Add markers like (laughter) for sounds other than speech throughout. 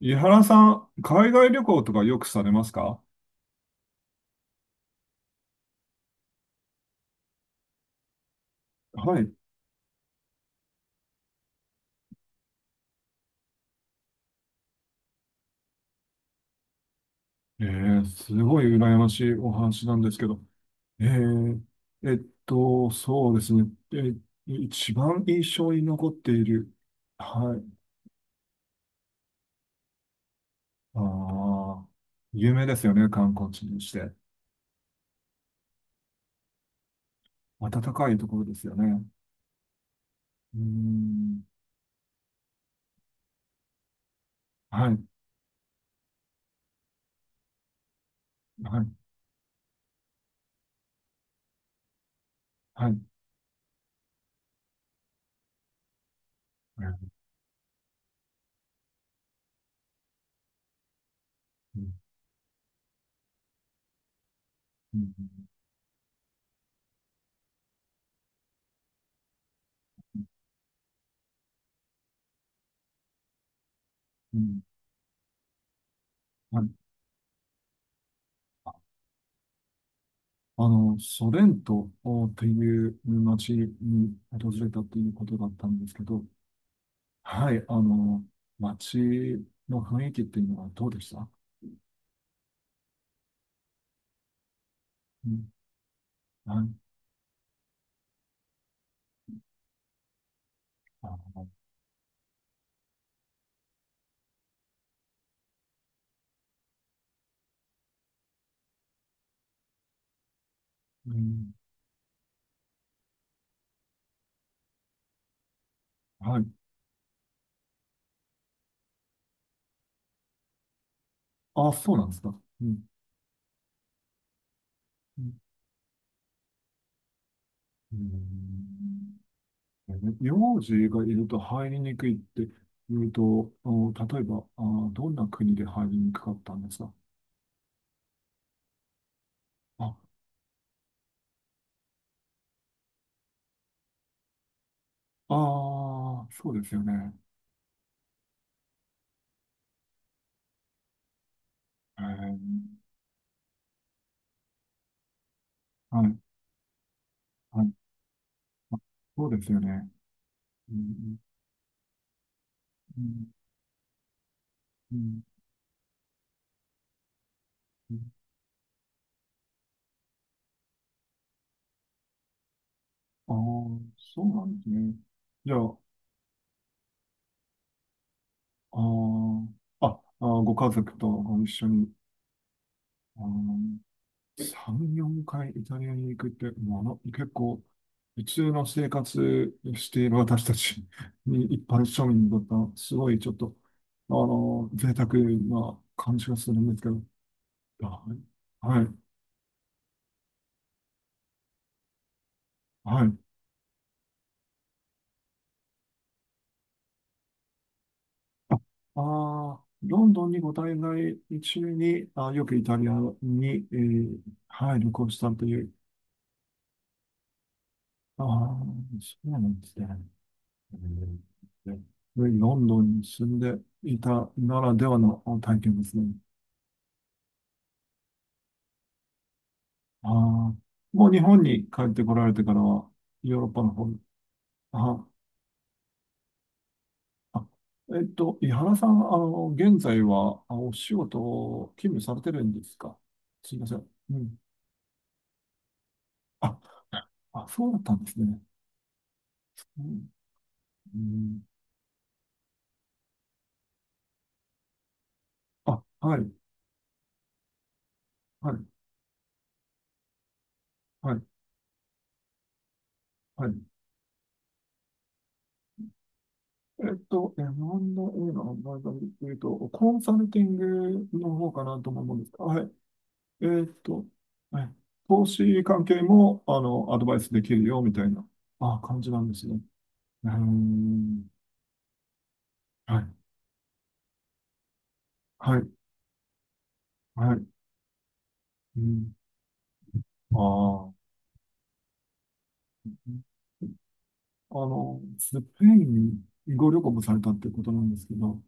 井原さん、海外旅行とかよくされますか？はい。すごい羨ましいお話なんですけど。えー、えっそうですね。えー、一番印象に残っている。はい。ああ、有名ですよね、観光地にして。暖かいところですよね。うーん。はい。はい。はい。うん、うん、うん、うん、うん、はい、ソレントっていう町に訪れたということだったんですけど、はい、町の雰囲気っていうのはどうでした？うん、はい、あの、うん、はい。あ、そうなんですか。うん、うん、うん、名字がいると入りにくいって言うと、あの例えば、あ、どんな国で入りにくかったんですか？あ、ああ、そうですよね。えーはい、はい。あ、そうですよね。うん、うん、うん、うん、ああー、そうなんですね。じゃあ、ーあー、ご家族とご一緒に、あの、3、4回イタリアに行くって、もうあの、結構、普通の生活している私たちに、一般庶民にとったら、すごいちょっと、あの、贅沢な感じがするんですけど、はい、はい、はい。ああー、ロンドンにご滞在中に、あ、よくイタリアに、はい、旅行したという。ああ、そうなんですね。えーで、ロンドンに住んでいたならではの体験ですね。ああ、もう日本に帰ってこられてからは、ヨーロッパの方に。あ、あ、えっと、井原さん、あの、現在は、あ、お仕事を勤務されてるんですか？すいません。うん。あ、あ、そうだったんですね。うん、うん。あ、はい、はい、はい、はい。えっと、日本の映画の場合でいうと、コンサルティングの方かなとも思うんですが、はい。えっと、はい。投資関係も、あの、アドバイスできるよ、みたいな、あ、感じなんですね。うーん。はい、はい、はい。うん。ああ。あの、スペインにご旅行もされたってことなんですけど、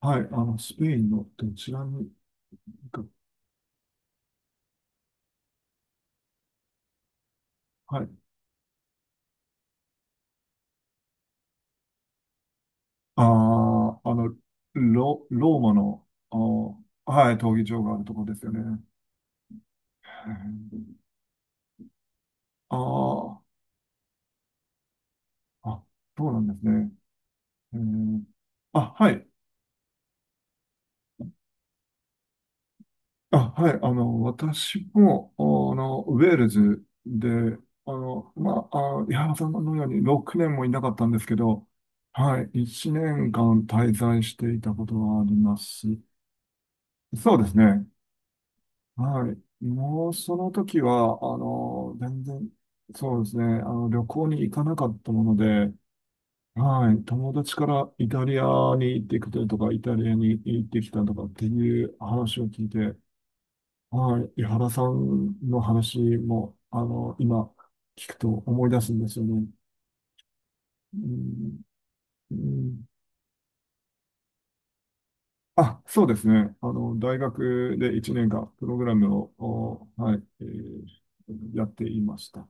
はい、あの、スペインのどちらに行か、はい。ああ、あの、ロ、ローマの、あー、はい、闘技場があるところですよね。ああ、あ、そうなんですね。えーあ、はい。あ、はい。あの、私も、あの、ウェールズで、あの、まあ、あ、井原さんのように6年もいなかったんですけど、はい。1年間滞在していたことがあります。そうですね。はい。もうその時は、あの、全然、そうですね、あの、旅行に行かなかったもので、はい。友達からイタリアに行ってきたとか、イタリアに行ってきたとかっていう話を聞いて、はい。井原さんの話も、あの、今、聞くと思い出すんですよね。うん、うん、あ、そうですね。あの、大学で1年間、プログラムを、お、はい、やっていました。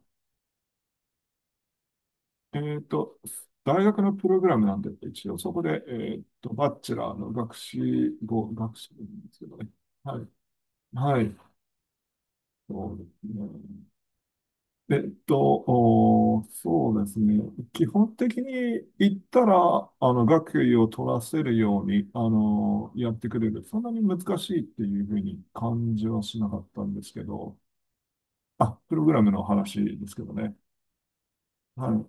えっと、大学のプログラムなんで、一応そこで、えっと、バッチェラーの学士号、学士なんですけどね。はい。はい。そうですね。えっと、そうですね。基本的に言ったら、あの、学位を取らせるように、あの、やってくれる。そんなに難しいっていうふうに感じはしなかったんですけど、あ、プログラムの話ですけどね。はい。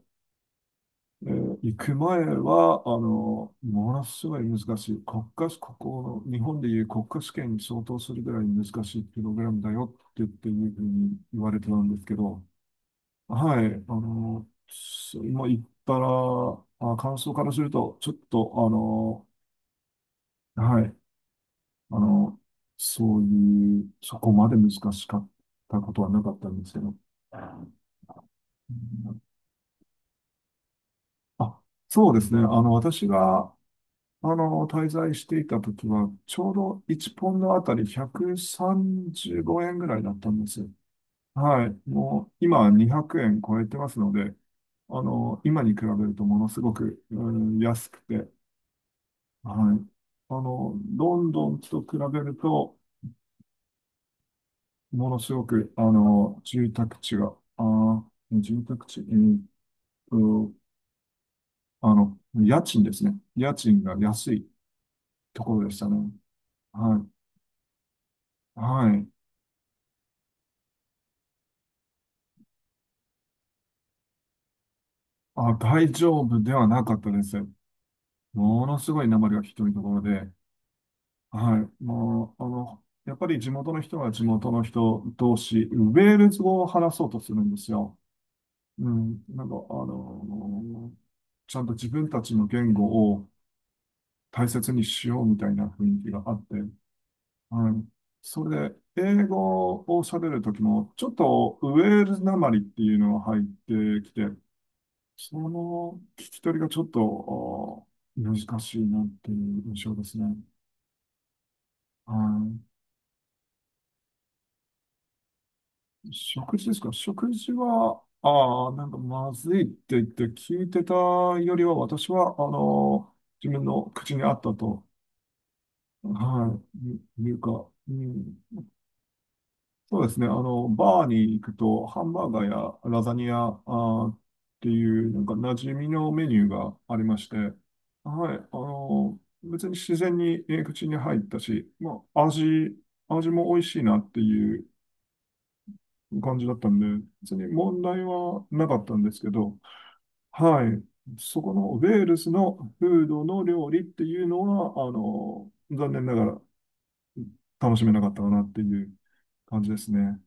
えー行く前は、あの、ものすごい難しい。国家、ここ、日本でいう国家試験に相当するぐらい難しいプログラムだよって言っていうふうに言われてたんですけど、はい、あの、す今言ったら、あ、感想からすると、ちょっと、あの、はい、あの、そういう、そこまで難しかったことはなかったんですけど、うん、あ、そうですね。あの、私が、あの、滞在していた時は、ちょうど1ポンドあたり135円ぐらいだったんですよ。はい。もう、今は200円超えてますので、あの、今に比べるとものすごく、うん、安くて、はい。あの、ロンドンと比べると、ものすごく、あの、住宅地が、住宅地、と、あの、家賃ですね。家賃が安いところでしたね。はい。はい。あ、大丈夫ではなかったです。ものすごい訛りがひどいところで、はい。もう、あの、やっぱり地元の人は地元の人同士、ウェールズ語を話そうとするんですよ。うん。なんか、の、ちゃんと自分たちの言語を大切にしようみたいな雰囲気があって、はい。それで、英語を喋るときも、ちょっとウェールズ訛りっていうのが入ってきて、その聞き取りがちょっとあー難しいなっていう印象ですね。はい、食事ですか？食事は、ああ、なんかまずいって言って聞いてたよりは、私は、あの、自分の口に合ったと、はい、いういうか、うん、そうですね。あの、バーに行くと、ハンバーガーやラザニア、あーっていう、なんか馴染みのメニューがありまして、はい。あの、別に自然に口に入ったし、まあ、味、味も美味しいなっていう感じだったんで、別に問題はなかったんですけど、はい。そこのウェールズのフードの料理っていうのは、あの、残念ながら楽しめなかったかなっていう感じですね。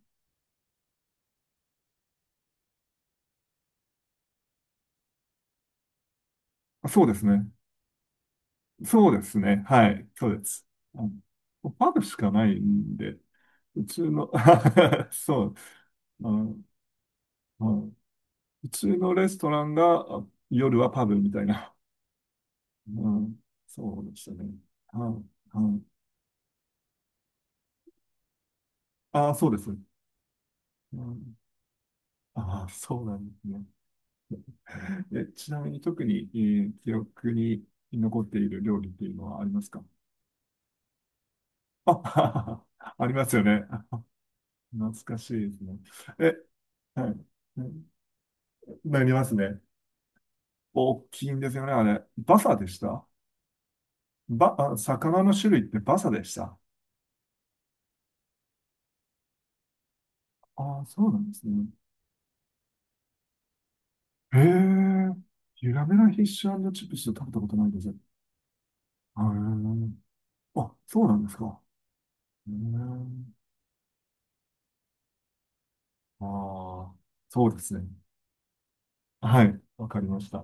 あ、そうですね。そうですね。はい。そうです。あのパブしかないんで、普通の (laughs) そう。あの、はい、普通のレストランがあ夜はパブみたいな。うん、そうでしたね。はい。はい。ああ、そうですね。うん、ああ、そうなんですね。え、ちなみに特に、えー記憶に残っている料理っていうのはありますか？あ、(laughs) ありますよね。(laughs) 懐かしいですね。え、はい。なりますね。大きいんですよね、あれ。バサでした？ば、あ、魚の種類ってバサでした？ああ、そうなんですね。へえ、ゆらめのフィッシュチップス食べたことないです。へえ、あ、そうなんですか。へえ、ああ、そうですね。はい、わかりました。